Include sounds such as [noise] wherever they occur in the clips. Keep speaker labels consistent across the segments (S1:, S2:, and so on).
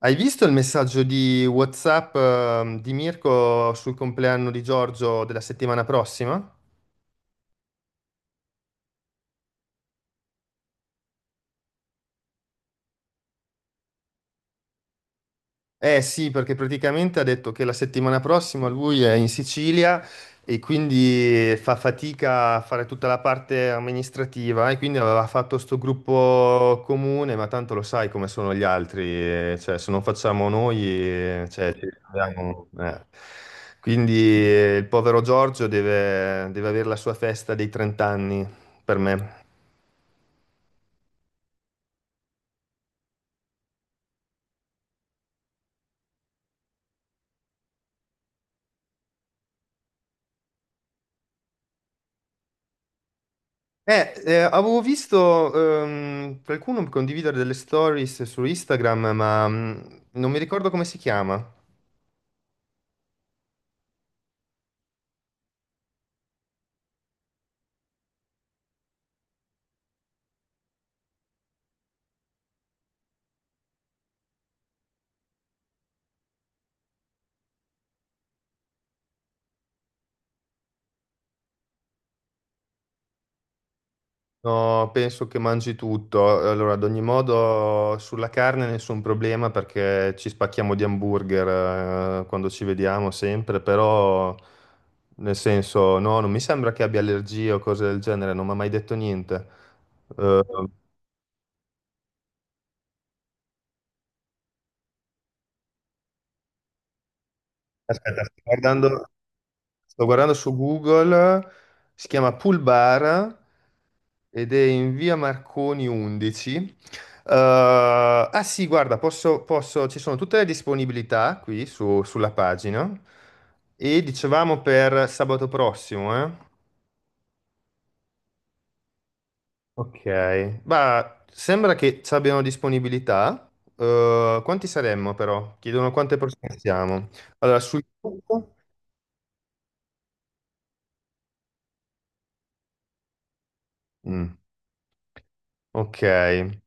S1: Hai visto il messaggio di WhatsApp, di Mirko sul compleanno di Giorgio della settimana prossima? Eh sì, perché praticamente ha detto che la settimana prossima lui è in Sicilia e quindi fa fatica a fare tutta la parte amministrativa e quindi aveva fatto sto gruppo comune, ma tanto lo sai come sono gli altri, cioè se non facciamo noi, cioè, ci abbiamo- eh. Quindi il povero Giorgio deve avere la sua festa dei 30 anni per me. Avevo visto qualcuno condividere delle stories su Instagram, ma non mi ricordo come si chiama. No, penso che mangi tutto. Allora, ad ogni modo, sulla carne nessun problema perché ci spacchiamo di hamburger quando ci vediamo sempre, però nel senso, no, non mi sembra che abbia allergie o cose del genere, non mi ha mai detto niente. Eh, aspetta, sto guardando su Google. Si chiama Pool Bar. Ed è in via Marconi 11. Eh, ah sì, guarda, ci sono tutte le disponibilità qui sulla pagina. E dicevamo per sabato prossimo, eh? Ok. Ma sembra che ci abbiano disponibilità. Quanti saremmo però? Chiedono quante persone siamo. Allora, sui. Mm. Ok,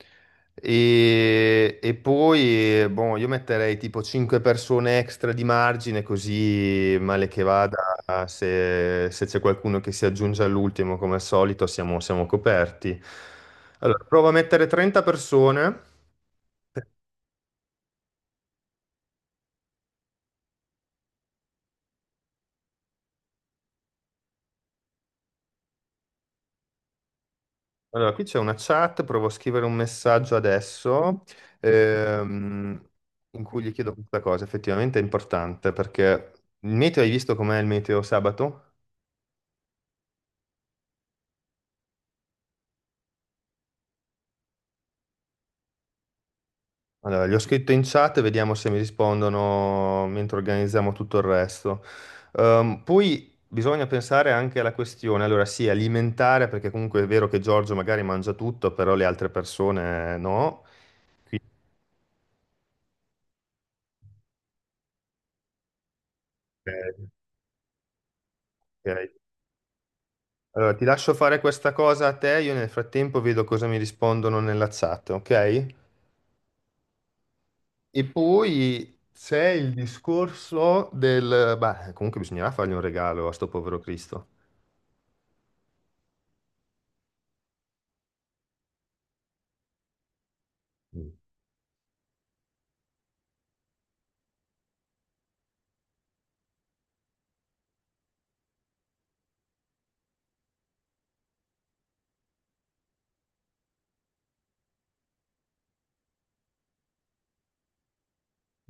S1: e poi boh, io metterei tipo 5 persone extra di margine, così male che vada, se c'è qualcuno che si aggiunge all'ultimo, come al solito, siamo coperti. Allora, provo a mettere 30 persone. Allora, qui c'è una chat, provo a scrivere un messaggio adesso, ehm, in cui gli chiedo questa cosa, effettivamente è importante, perché il meteo, hai visto com'è il meteo sabato? Allora, gli ho scritto in chat, e vediamo se mi rispondono mentre organizziamo tutto il resto. Poi bisogna pensare anche alla questione, allora sì, alimentare, perché comunque è vero che Giorgio magari mangia tutto, però le altre persone no. Quindi, eh, ok. Allora, ti lascio fare questa cosa a te, io nel frattempo vedo cosa mi rispondono nella chat, ok? E poi c'è il discorso del. Beh, comunque bisognerà fargli un regalo a sto povero Cristo. Mm.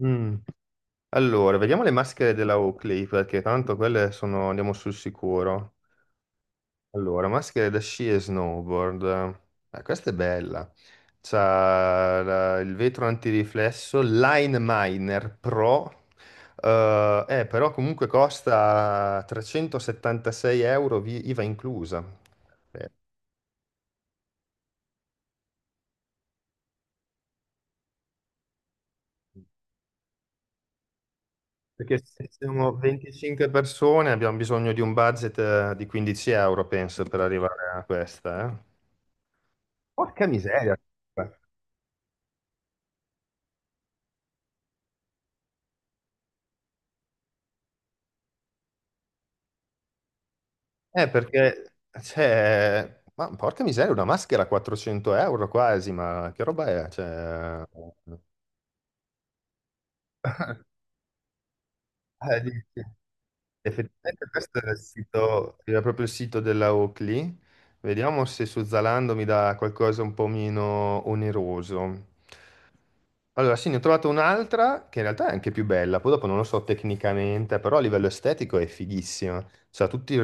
S1: Mm. Allora, vediamo le maschere della Oakley, perché tanto quelle sono, andiamo sul sicuro. Allora, maschere da sci e snowboard. Questa è bella. C'ha il vetro antiriflesso, Line Miner Pro. Però comunque costa 376 euro, IVA inclusa. Eh, Perché se siamo 25 persone abbiamo bisogno di un budget di 15 euro, penso, per arrivare a questa. Porca miseria. Perché, cioè, ma porca miseria, una maschera a 400 euro quasi, ma che roba è? Cioè. [laughs] Dici. Effettivamente questo era il sito, era proprio il sito della Oakley. Vediamo se su Zalando mi dà qualcosa un po' meno oneroso. Allora, sì, ne ho trovato un'altra che in realtà è anche più bella, poi dopo non lo so tecnicamente, però a livello estetico è fighissima. C'ha tutti.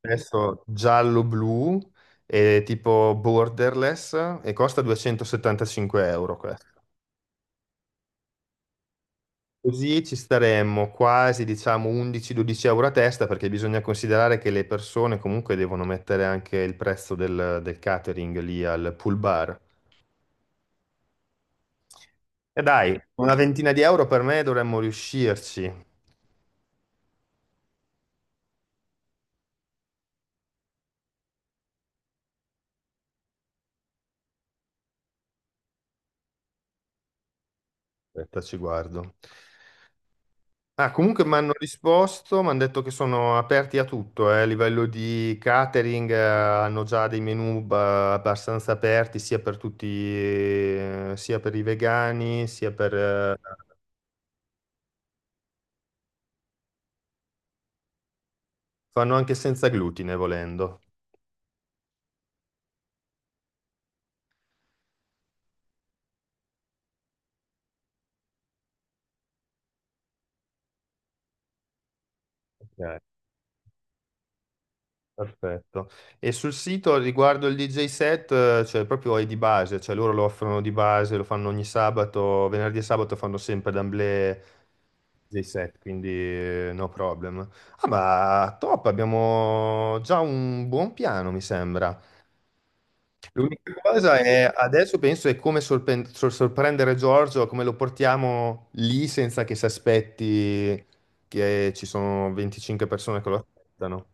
S1: Adesso giallo-blu è tipo borderless e costa 275 euro questo. Così ci staremmo quasi, diciamo, 11-12 euro a testa perché bisogna considerare che le persone comunque devono mettere anche il prezzo del catering lì al pool bar. E dai, una ventina di euro per me dovremmo riuscirci. Aspetta, ci guardo. Ah, comunque mi hanno risposto, mi hanno detto che sono aperti a tutto, a livello di catering, hanno già dei menu abbastanza aperti sia per tutti, sia per i vegani, fanno anche senza glutine volendo. Ok. Perfetto. E sul sito riguardo il DJ set, cioè proprio è di base, cioè loro lo offrono di base, lo fanno ogni sabato, venerdì e sabato fanno sempre d'amblè DJ set, quindi no problem. Ah, ma top, abbiamo già un buon piano, mi sembra. L'unica cosa è, adesso penso, è come sorprendere Giorgio, come lo portiamo lì senza che si aspetti che ci sono 25 persone che lo aspettano.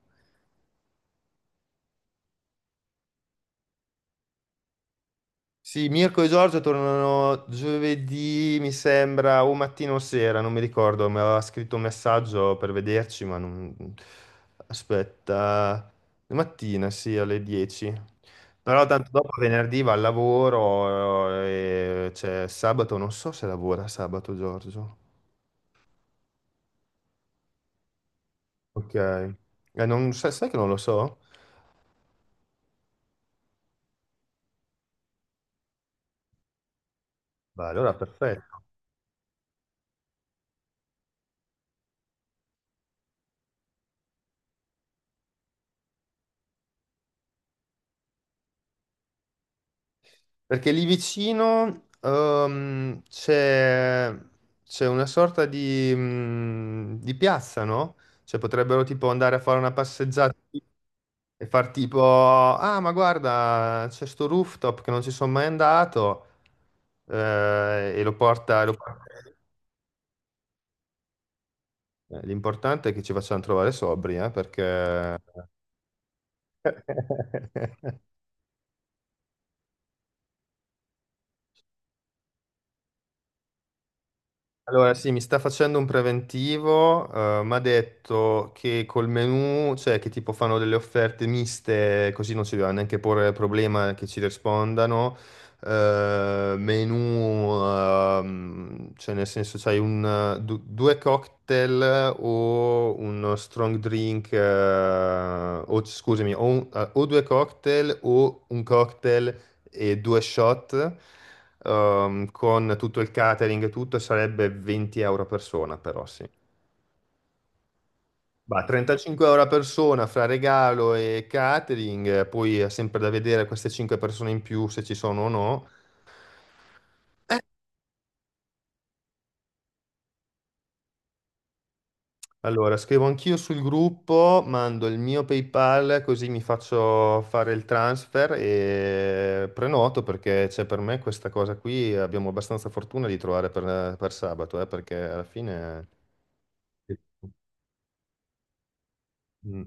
S1: Sì, Mirko e Giorgio tornano giovedì, mi sembra, o mattina o sera, non mi ricordo, mi aveva scritto un messaggio per vederci, ma non. Aspetta, mattina, sì, alle 10. Però tanto dopo venerdì va al lavoro, e c'è sabato, non so se lavora sabato Giorgio. Ok. Sai che non lo so? Beh, allora perfetto. Perché lì vicino c'è una sorta di, di piazza, no? Cioè potrebbero tipo andare a fare una passeggiata e far tipo, ah ma guarda, c'è sto rooftop che non ci sono mai andato e lo porta. L'importante è che ci facciano trovare sobri, perché. [laughs] Allora, sì, mi sta facendo un preventivo, mi ha detto che col menù, cioè che tipo fanno delle offerte miste, così non si deve neanche porre il problema che ci rispondano. Menù, cioè nel senso c'hai due cocktail o uno strong drink, o scusami, o due cocktail o un cocktail e due shot con tutto il catering e tutto sarebbe 20 euro a persona però sì. Bah, 35 euro a persona fra regalo e catering, poi è sempre da vedere queste 5 persone in più se ci sono o no. Allora, scrivo anch'io sul gruppo, mando il mio PayPal così mi faccio fare il transfer e prenoto perché c'è per me questa cosa qui, abbiamo abbastanza fortuna di trovare per sabato, perché alla fine. Mm.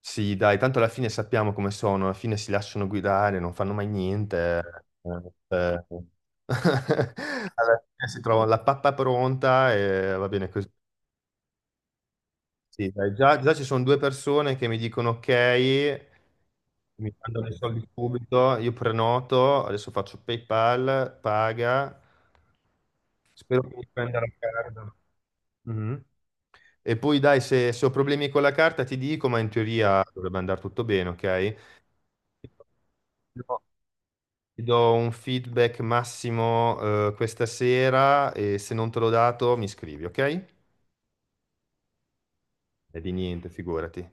S1: Sì, dai, tanto alla fine sappiamo come sono, alla fine si lasciano guidare, non fanno mai niente. Eh. [laughs] Alla fine si trovano la pappa pronta e va bene così. Sì, dai, già ci sono due persone che mi dicono ok, mi mandano i soldi subito, io prenoto, adesso faccio PayPal, paga, spero che mi prenda la carta. Mhm. E poi dai, se ho problemi con la carta ti dico, ma in teoria dovrebbe andare tutto bene, ok? Ti do un feedback massimo, questa sera e se non te l'ho dato mi scrivi, ok? E di niente, figurati.